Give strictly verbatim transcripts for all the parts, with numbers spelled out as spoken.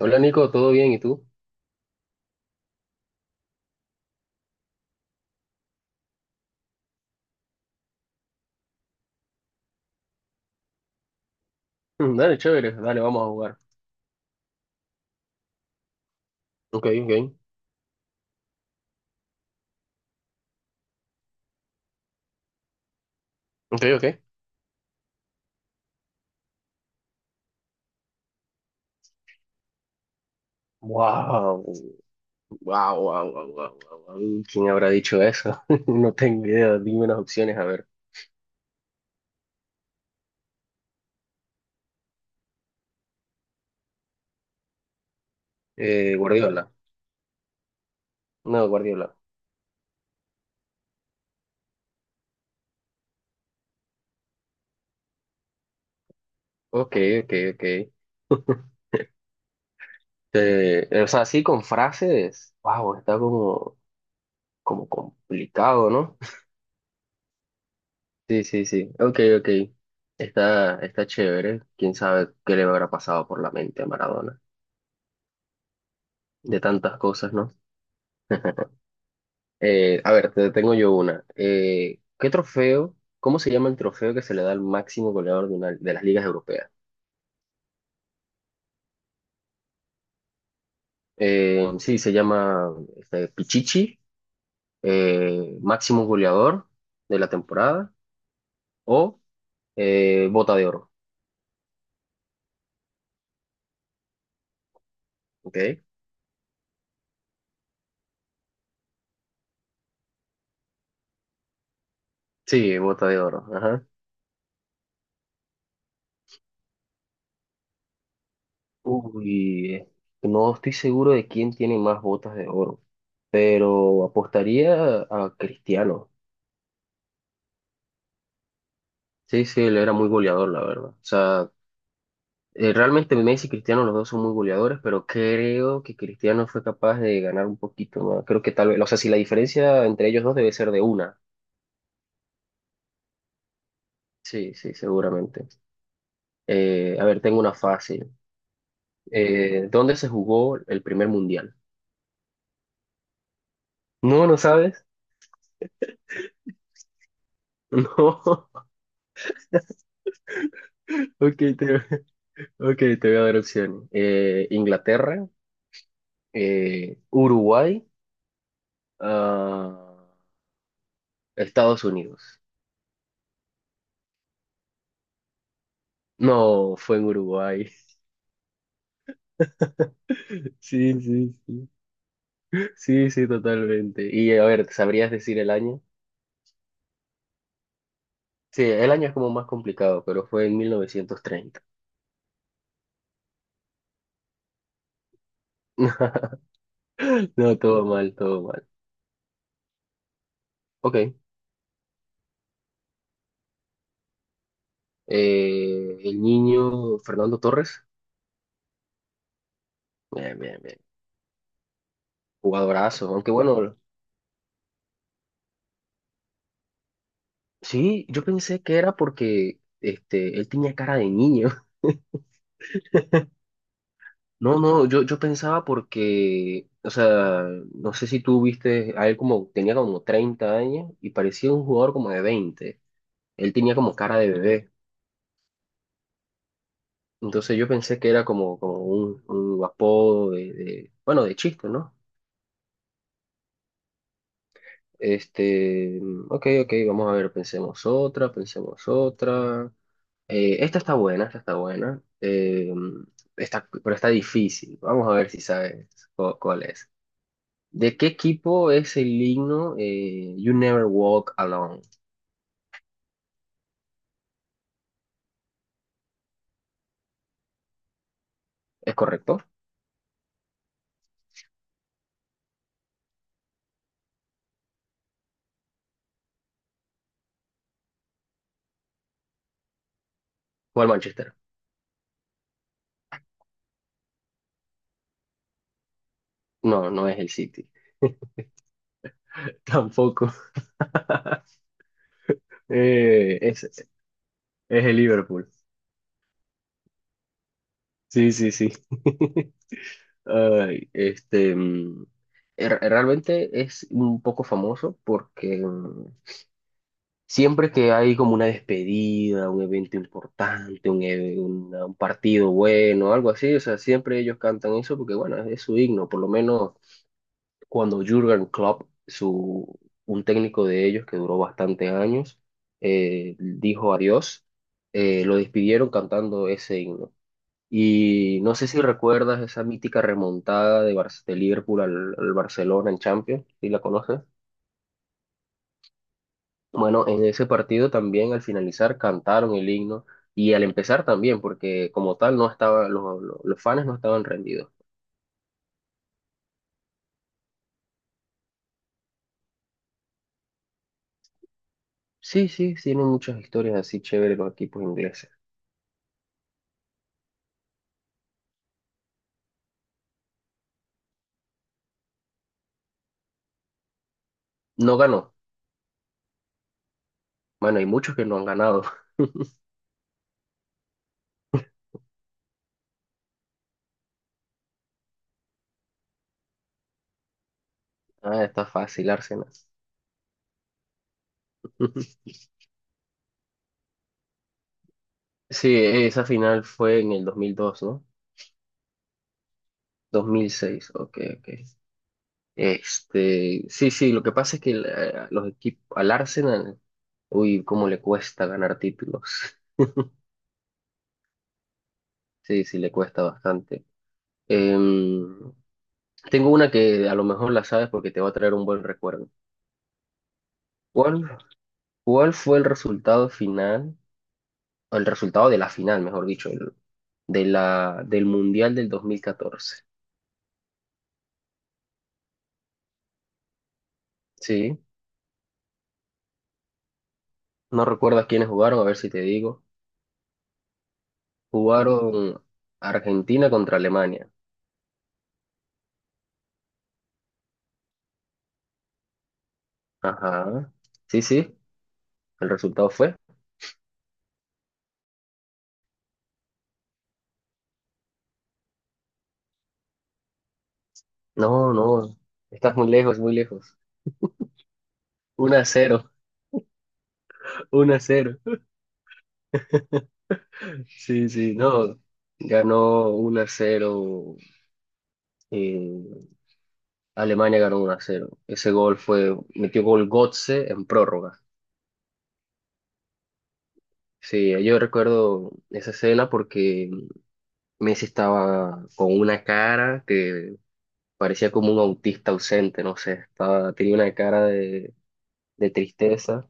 Hola Nico, ¿todo bien? ¿Y tú? Mm, dale, chévere, dale, vamos a jugar. Ok, ok, ok, ok. Wow, wow, wow, wow, wow, wow, wow. ¿Quién habrá dicho eso? No tengo idea, dime unas opciones, a ver. Eh, Guardiola. No, Guardiola. Ok, ok, ok. Eh, o sea, así con frases. Wow, está como, como complicado, ¿no? Sí, sí, sí. Ok, ok. Está, está chévere. ¿Quién sabe qué le habrá pasado por la mente a Maradona? De tantas cosas, ¿no? Eh, a ver, te tengo yo una. Eh, ¿qué trofeo? ¿Cómo se llama el trofeo que se le da al máximo goleador de, una- de las ligas europeas? Eh, sí, se llama este, Pichichi, eh, máximo goleador de la temporada o eh, Bota de Oro. ¿Ok? Sí, Bota de Oro. Ajá. Uy, eh, no estoy seguro de quién tiene más botas de oro, pero apostaría a Cristiano. Sí, sí, él era muy goleador, la verdad. O sea, eh, realmente Messi y Cristiano, los dos son muy goleadores, pero creo que Cristiano fue capaz de ganar un poquito más. Creo que tal vez, o sea, si la diferencia entre ellos dos debe ser de una. Sí, sí, seguramente. Eh, a ver, tengo una fácil. Eh, ¿dónde se jugó el primer mundial? No, ¿no sabes? No. Ok, te, ok, te voy a dar opciones. Eh, Inglaterra, eh, Uruguay, ah, Estados Unidos. No, fue en Uruguay. Sí, sí, sí. Sí, sí, totalmente. Y a ver, ¿sabrías decir el año? Sí, el año es como más complicado, pero fue en mil novecientos treinta. No, todo mal, todo mal. Ok, eh, el niño Fernando Torres. Bien, bien, bien. Jugadorazo. Aunque bueno, sí, yo pensé que era porque este, él tenía cara de niño. No, no, yo, yo pensaba porque, o sea, no sé si tú viste a él como, tenía como treinta años y parecía un jugador como de veinte. Él tenía como cara de bebé. Entonces yo pensé que era como, como un, un apodo de, de- bueno, de chiste, ¿no? Este, mm, ok, ok, vamos a ver, pensemos otra, pensemos otra. Eh, esta está buena, esta está buena. Eh, mm, está- pero está difícil. Vamos a ver si sabes cu- cuál es. ¿De qué equipo es el himno eh, You Never Walk Alone? ¿Es correcto? ¿O el Manchester? No, no es el City. Tampoco. Eh, es, es el Liverpool. Sí, sí, sí. Ay, este, mm, er- Realmente es un poco famoso porque mm, siempre que hay como una despedida, un evento importante, un, eve- una- un partido bueno, algo así, o sea, siempre ellos cantan eso porque, bueno, es, es su himno. Por lo menos cuando Jürgen Klopp, su, un técnico de ellos que duró bastantes años, eh, dijo adiós, eh, lo despidieron cantando ese himno. Y no sé si recuerdas esa mítica remontada de, Bar- de Liverpool al, al Barcelona en Champions, si la conoces. Bueno, en ese partido también al finalizar cantaron el himno y al empezar también, porque como tal no estaba, los, los, los fans no estaban rendidos. Sí, sí, tienen muchas historias así chéveres los equipos ingleses. No ganó. Bueno, hay muchos que no han ganado. Ah, está fácil, Arsenal. Sí, esa final fue en el dos mil dos, ¿no? Dos mil seis. Ok, ok. Este, sí, sí, lo que pasa es que eh, los equipos, al Arsenal, uy, cómo le cuesta ganar títulos. Sí, sí, le cuesta bastante. Em, tengo una que a lo mejor la sabes porque te va a traer un buen recuerdo. ¿Cuál, cuál fue el resultado final, o el resultado de la final, mejor dicho, el- de la, del Mundial del dos mil catorce. Sí, no recuerdas quiénes jugaron, a ver si te digo. Jugaron Argentina contra Alemania. Ajá, sí, sí, el resultado fue. No, no, estás muy lejos, muy lejos. uno a cero, uno a cero. Sí, sí, no. Ganó uno a cero. eh, Alemania ganó uno a cero. Ese gol fue, metió gol Götze en prórroga. Sí, yo recuerdo esa escena porque Messi estaba con una cara que parecía como un autista ausente, no sé, estaba, tenía una cara de, de tristeza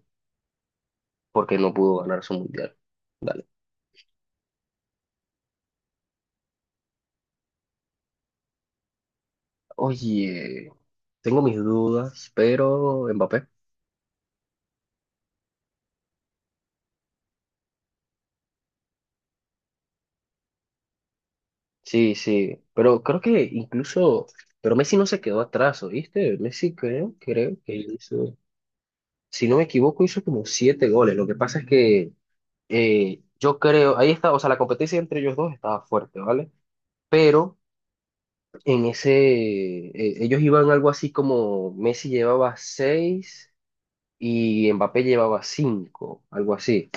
porque no pudo ganar su mundial. Oye, tengo mis dudas, pero Mbappé. Sí, sí, pero creo que incluso, pero Messi no se quedó atrás, ¿oíste? Messi creo, creo que hizo, si no me equivoco, hizo como siete goles. Lo que pasa es que eh, yo creo, ahí está, o sea, la competencia entre ellos dos estaba fuerte, ¿vale? Pero en ese, eh, ellos iban algo así como Messi llevaba seis, y Mbappé llevaba cinco, algo así.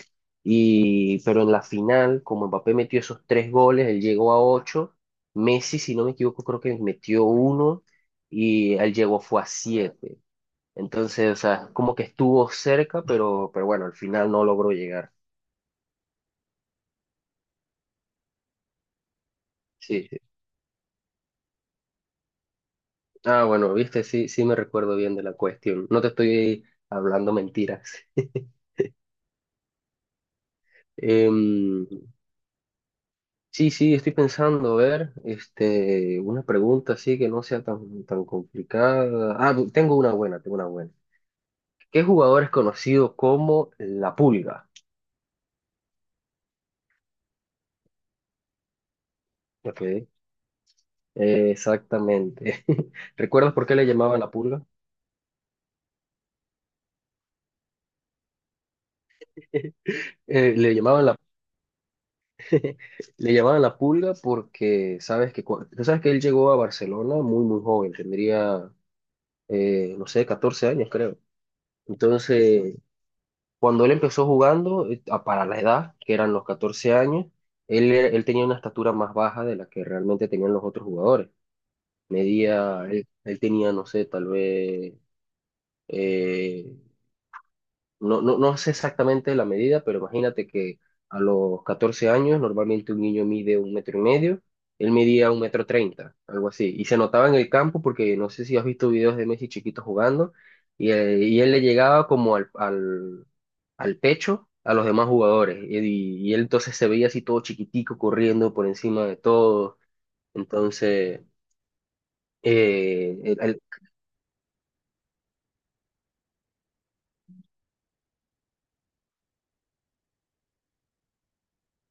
Y, pero en la final, como Mbappé metió esos tres goles, él llegó a ocho. Messi, si no me equivoco, creo que metió uno y él llegó fue a siete. Entonces, o sea, como que estuvo cerca, pero, pero bueno, al final no logró llegar. Sí, sí. Ah, bueno, viste, sí, sí me recuerdo bien de la cuestión. No te estoy hablando mentiras. Em, sí, sí, estoy pensando, a ver, este, una pregunta así que no sea tan, tan complicada. Ah, bu- tengo una buena, tengo una buena. ¿Qué jugador es conocido como la pulga? Ok, eh, exactamente. ¿Recuerdas por qué le llamaban la pulga? Eh, le llamaban la, le llamaban la pulga porque sabes que, cua- tú sabes que él llegó a Barcelona muy, muy joven, tendría, eh, no sé, catorce años, creo. Entonces, cuando él empezó jugando, eh, a- para la edad, que eran los catorce años, él, era- él tenía una estatura más baja de la que realmente tenían los otros jugadores. Medía, él, él tenía, no sé, tal vez eh, no, no, no sé exactamente la medida, pero imagínate que a los catorce años normalmente un niño mide un metro y medio, él medía un metro treinta, algo así, y se notaba en el campo porque no sé si has visto videos de Messi chiquito jugando, y, eh, y él le llegaba como al, al, al pecho a los demás jugadores, y, y él entonces se veía así todo chiquitico corriendo por encima de todos, entonces eh, el-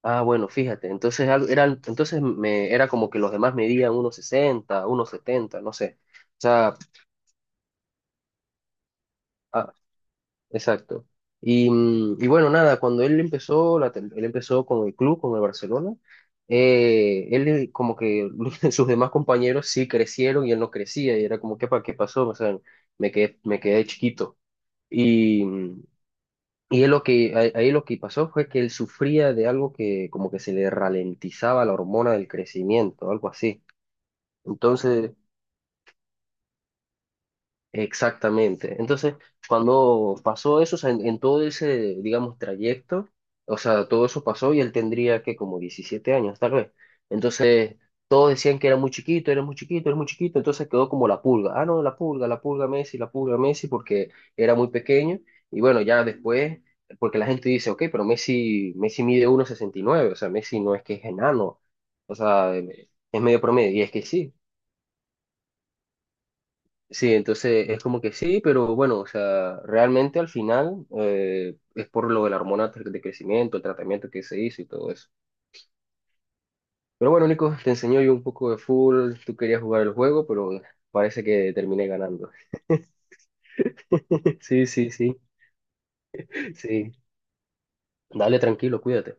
ah, bueno, fíjate, entonces al- era, entonces me, era como que los demás medían uno sesenta, uno setenta, no sé. O sea, ah, exacto. Y, mm, y bueno, nada, cuando él empezó, la tem- él empezó con el club, con el Barcelona, eh, él como que sus demás compañeros sí crecieron y él no crecía, y era como, ¿qué, pa- ¿qué pasó? O sea, me quedé, me quedé chiquito. Y, mm, y él lo que, a- ahí lo que pasó fue que él sufría de algo que como que se le ralentizaba la hormona del crecimiento, algo así. Entonces, exactamente. Entonces, cuando pasó eso, o sea, en, en todo ese, digamos, trayecto, o sea, todo eso pasó y él tendría que como diecisiete años, tal vez. Entonces, todos decían que era muy chiquito, era muy chiquito, era muy chiquito, entonces quedó como la pulga. Ah, no, la pulga, la pulga Messi, la pulga Messi, porque era muy pequeño. Y bueno, ya después, porque la gente dice, ok, pero Messi, Messi mide uno sesenta y nueve, o sea, Messi no es que es enano, o sea, es medio promedio, y es que sí. Sí, entonces es como que sí, pero bueno, o sea, realmente al final eh, es por lo de la hormona de de crecimiento, el tratamiento que se hizo y todo eso. Pero bueno, Nico, te enseñó yo un poco de fútbol, tú querías jugar el juego, pero parece que terminé ganando. Sí, sí, sí, sí. Dale, tranquilo, cuídate.